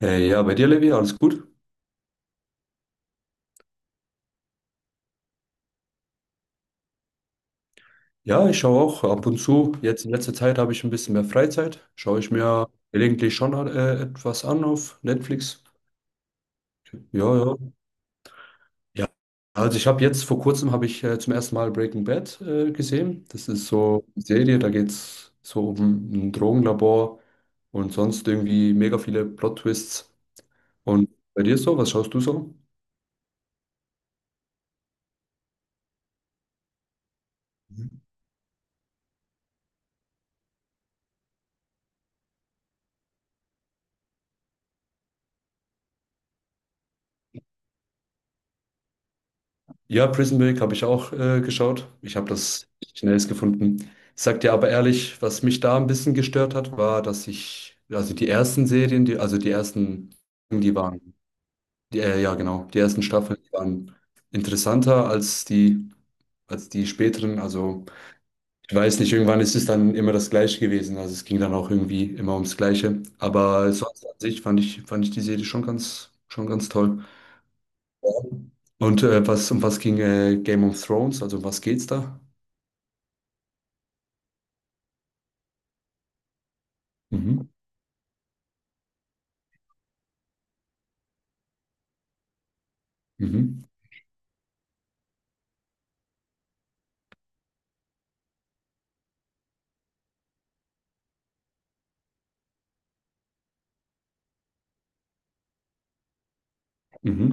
Hey, ja, bei dir, Levi, alles gut? Ja, ich schaue auch ab und zu. Jetzt in letzter Zeit habe ich ein bisschen mehr Freizeit. Schaue ich mir gelegentlich schon etwas an auf Netflix. Ja, ja. Ja. Also ich habe jetzt vor kurzem habe ich zum ersten Mal Breaking Bad gesehen. Das ist so eine Serie, da geht es so um ein Drogenlabor und sonst irgendwie mega viele Plot-Twists. Und bei dir so, was schaust du so? Ja, Prison Break habe ich auch geschaut. Ich habe das schnellst gefunden. Ich sag dir aber ehrlich, was mich da ein bisschen gestört hat, war, dass ich, also die ersten Serien, die, also die ersten, die waren, die, ja genau, die ersten Staffeln die waren interessanter als die späteren. Also ich weiß nicht, irgendwann ist es dann immer das Gleiche gewesen. Also es ging dann auch irgendwie immer ums Gleiche. Aber sonst an sich fand ich die Serie schon ganz toll. Und was, um was ging Game of Thrones? Also um was geht's da? Mhm. Mhm. Mhm.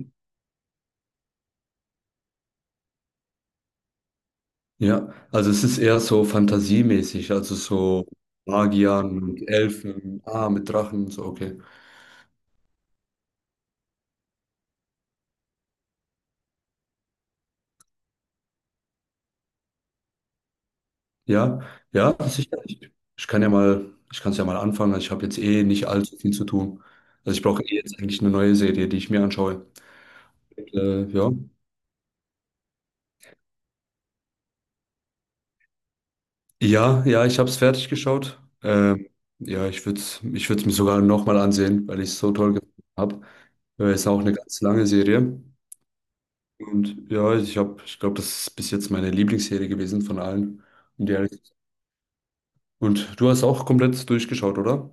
Ja, also es ist eher so fantasiemäßig, also so Magiern und Elfen, ah, mit Drachen, und so, okay. Ja, ja, sicher. Ich kann ja mal, ich kann es ja mal anfangen. Also ich habe jetzt eh nicht allzu viel zu tun. Also ich brauche eh jetzt eigentlich eine neue Serie, die ich mir anschaue. Ja. Ja, ja, ich habe es fertig geschaut. Ja, ich würde es ich würd's mir sogar nochmal ansehen, weil ich es so toll gefunden habe. Ja, ist auch eine ganz lange Serie. Und ja, ich habe, ich glaube, das ist bis jetzt meine Lieblingsserie gewesen von allen. und die Und du hast auch komplett durchgeschaut, oder?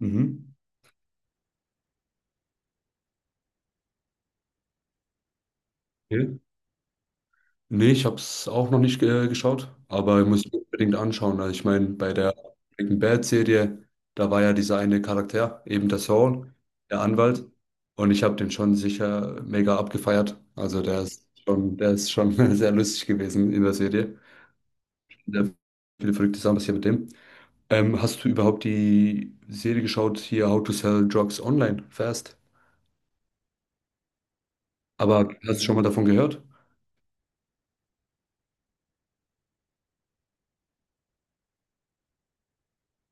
Mhm. Ja. Nee, ich habe es auch noch nicht geschaut, aber ich muss mir unbedingt anschauen. Also ich meine, bei der Breaking Bad-Serie, da war ja dieser eine Charakter, eben der Saul, der Anwalt. Und ich habe den schon sicher mega abgefeiert. Also der ist schon sehr lustig gewesen in der Serie. Sehr viele verrückte Sachen passiert mit dem. Hast du überhaupt die Serie geschaut, hier How to Sell Drugs Online Fast? Aber hast du schon mal davon gehört?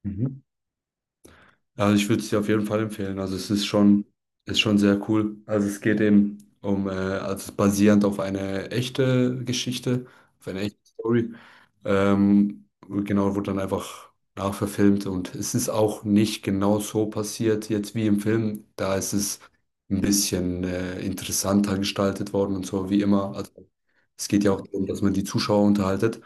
Mhm. Ja, also ich würde es dir auf jeden Fall empfehlen. Also ist schon sehr cool. Also es geht eben um, also basierend auf eine echte Geschichte, auf eine echte Story. Genau, wurde dann einfach nachverfilmt und es ist auch nicht genau so passiert jetzt wie im Film. Da ist es ein bisschen interessanter gestaltet worden und so wie immer. Also es geht ja auch darum, dass man die Zuschauer unterhaltet.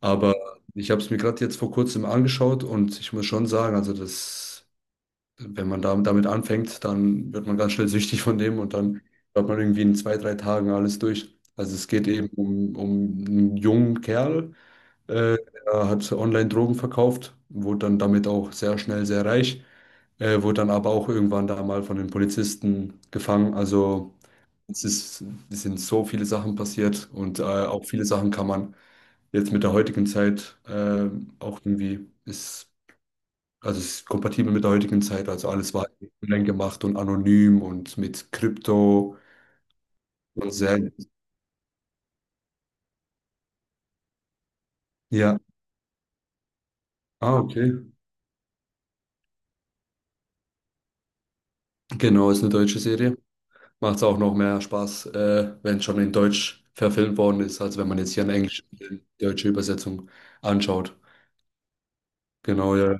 Aber ich habe es mir gerade jetzt vor kurzem angeschaut und ich muss schon sagen, also das wenn man da, damit anfängt, dann wird man ganz schnell süchtig von dem und dann hat man irgendwie in zwei, drei Tagen alles durch. Also es geht eben um einen jungen Kerl, äh, der hat online Drogen verkauft, wurde dann damit auch sehr schnell sehr reich, wurde dann aber auch irgendwann da mal von den Polizisten gefangen. Also es ist, es sind so viele Sachen passiert und auch viele Sachen kann man jetzt mit der heutigen Zeit auch irgendwie ist also es ist kompatibel mit der heutigen Zeit, also alles war ja online gemacht und anonym und mit Krypto und sehr, ja. Ah, okay. Genau, ist eine deutsche Serie. Macht es auch noch mehr Spaß, wenn es schon in Deutsch verfilmt worden ist, als wenn man jetzt hier eine englische, deutsche Übersetzung anschaut. Genau, ja.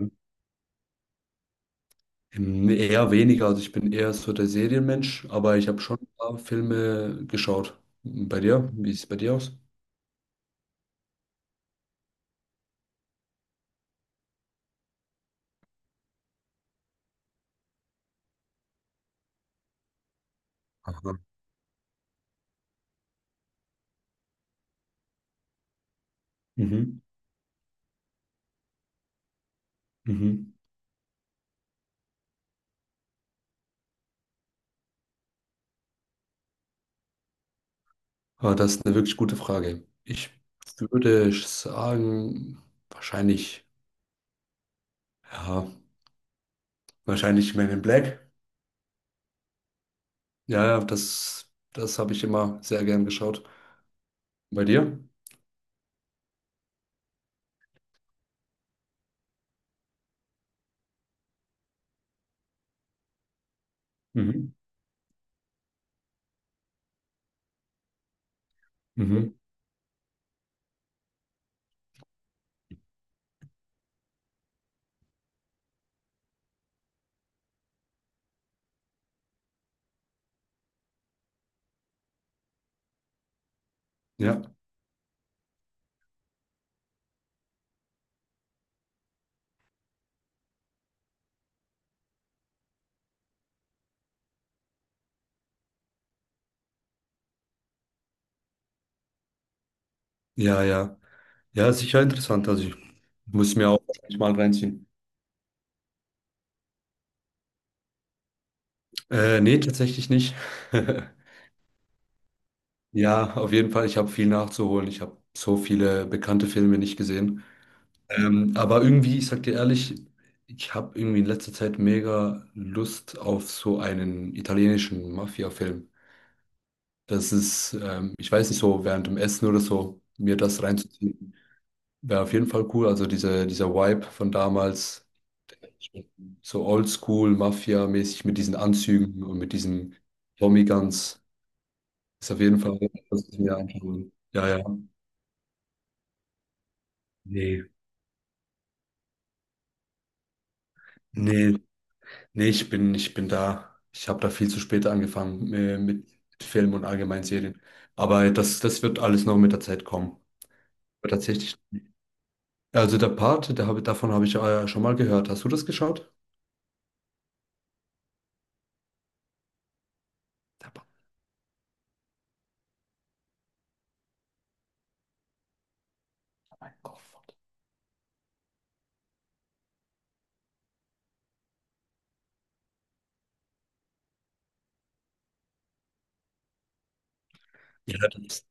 Eher weniger, also ich bin eher so der Serienmensch, aber ich habe schon ein paar Filme geschaut. Bei dir? Wie sieht es bei dir aus? Aha. Mhm. Mhm. Ah, das ist eine wirklich gute Frage. Ich würde sagen, wahrscheinlich, ja, wahrscheinlich Men in Black. Ja, ja, das habe ich immer sehr gern geschaut. Bei dir? Mhm. Mhm. Ja, ja, ja. Ja, ist sicher interessant. Also ich muss mir auch wahrscheinlich mal reinziehen. Nee, tatsächlich nicht. Ja, auf jeden Fall, ich habe viel nachzuholen. Ich habe so viele bekannte Filme nicht gesehen. Aber irgendwie, ich sag dir ehrlich, ich habe irgendwie in letzter Zeit mega Lust auf so einen italienischen Mafia-Film. Das ist, ich weiß nicht, so während dem Essen oder so, mir das reinzuziehen, wäre auf jeden Fall cool. Also diese, dieser Vibe von damals, so oldschool, Mafia-mäßig mit diesen Anzügen und mit diesen Tommy Guns, ist auf jeden Fall, was ich mir anschauen. Ja, ja. Nee. Nee, nee, ich bin da. Ich habe da viel zu spät angefangen mit Filmen und allgemein Serien. Aber das wird alles noch mit der Zeit kommen. Aber tatsächlich. Also der Part, davon habe ich schon mal gehört. Hast du das geschaut? Der Part, mein Gott. Ja,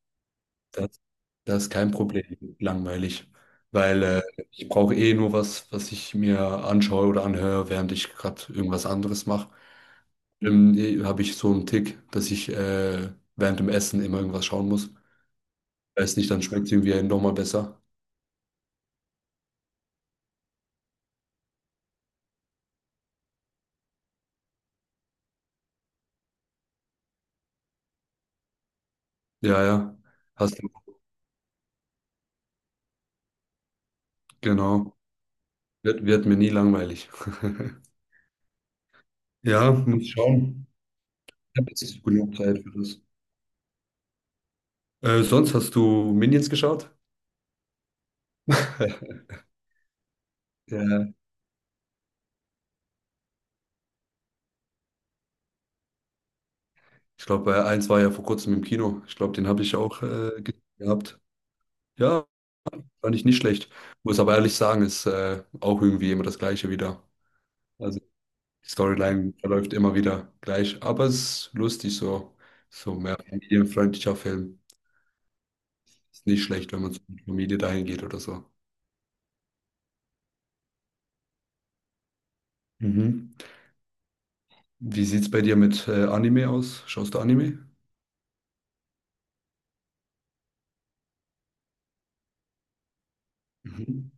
das, das ist kein Problem. Langweilig. Weil ich brauche eh nur was, was ich mir anschaue oder anhöre, während ich gerade irgendwas anderes mache. Eh, habe ich so einen Tick, dass ich während dem Essen immer irgendwas schauen muss. Weiß nicht, dann schmeckt es irgendwie einem nochmal besser. Ja, ja. Hast du, genau. Wird mir nie langweilig. Ja, muss schauen. Ich habe jetzt genug Zeit für das. Sonst hast du Minions geschaut? Ja, ich glaube, eins war ja vor kurzem im Kino. Ich glaube, den habe ich auch gehabt. Ja, fand ich nicht schlecht. Muss aber ehrlich sagen, ist auch irgendwie immer das Gleiche wieder. Also die Storyline verläuft immer wieder gleich, aber es ist lustig so. So mehr familienfreundlicher Film. Ist nicht schlecht, wenn man zur Familie dahin geht oder so. Mhm. Wie sieht es bei dir mit Anime aus? Schaust du Anime? Mhm.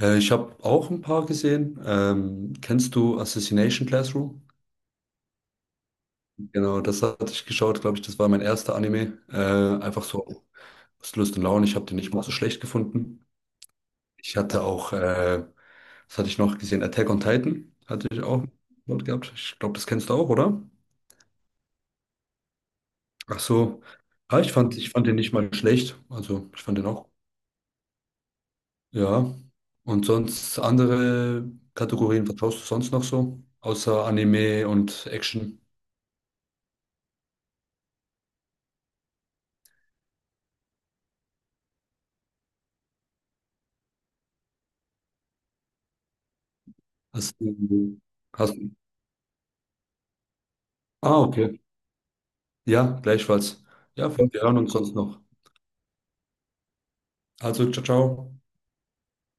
Ich habe auch ein paar gesehen. Kennst du Assassination Classroom? Genau, das hatte ich geschaut, glaube ich. Das war mein erster Anime. Einfach so aus Lust und Laune. Ich habe den nicht mal so schlecht gefunden. Ich hatte auch, was hatte ich noch gesehen? Attack on Titan hatte ich auch dort gehabt. Ich glaube, das kennst du auch, oder? Ach so. Ja, ich fand den nicht mal schlecht. Also, ich fand den auch. Ja. Und sonst andere Kategorien vertraust du sonst noch so? Außer Anime und Action? Hast du, hast, ah, okay. Ja, gleichfalls. Ja, wir hören uns sonst noch. Also, ciao, ciao.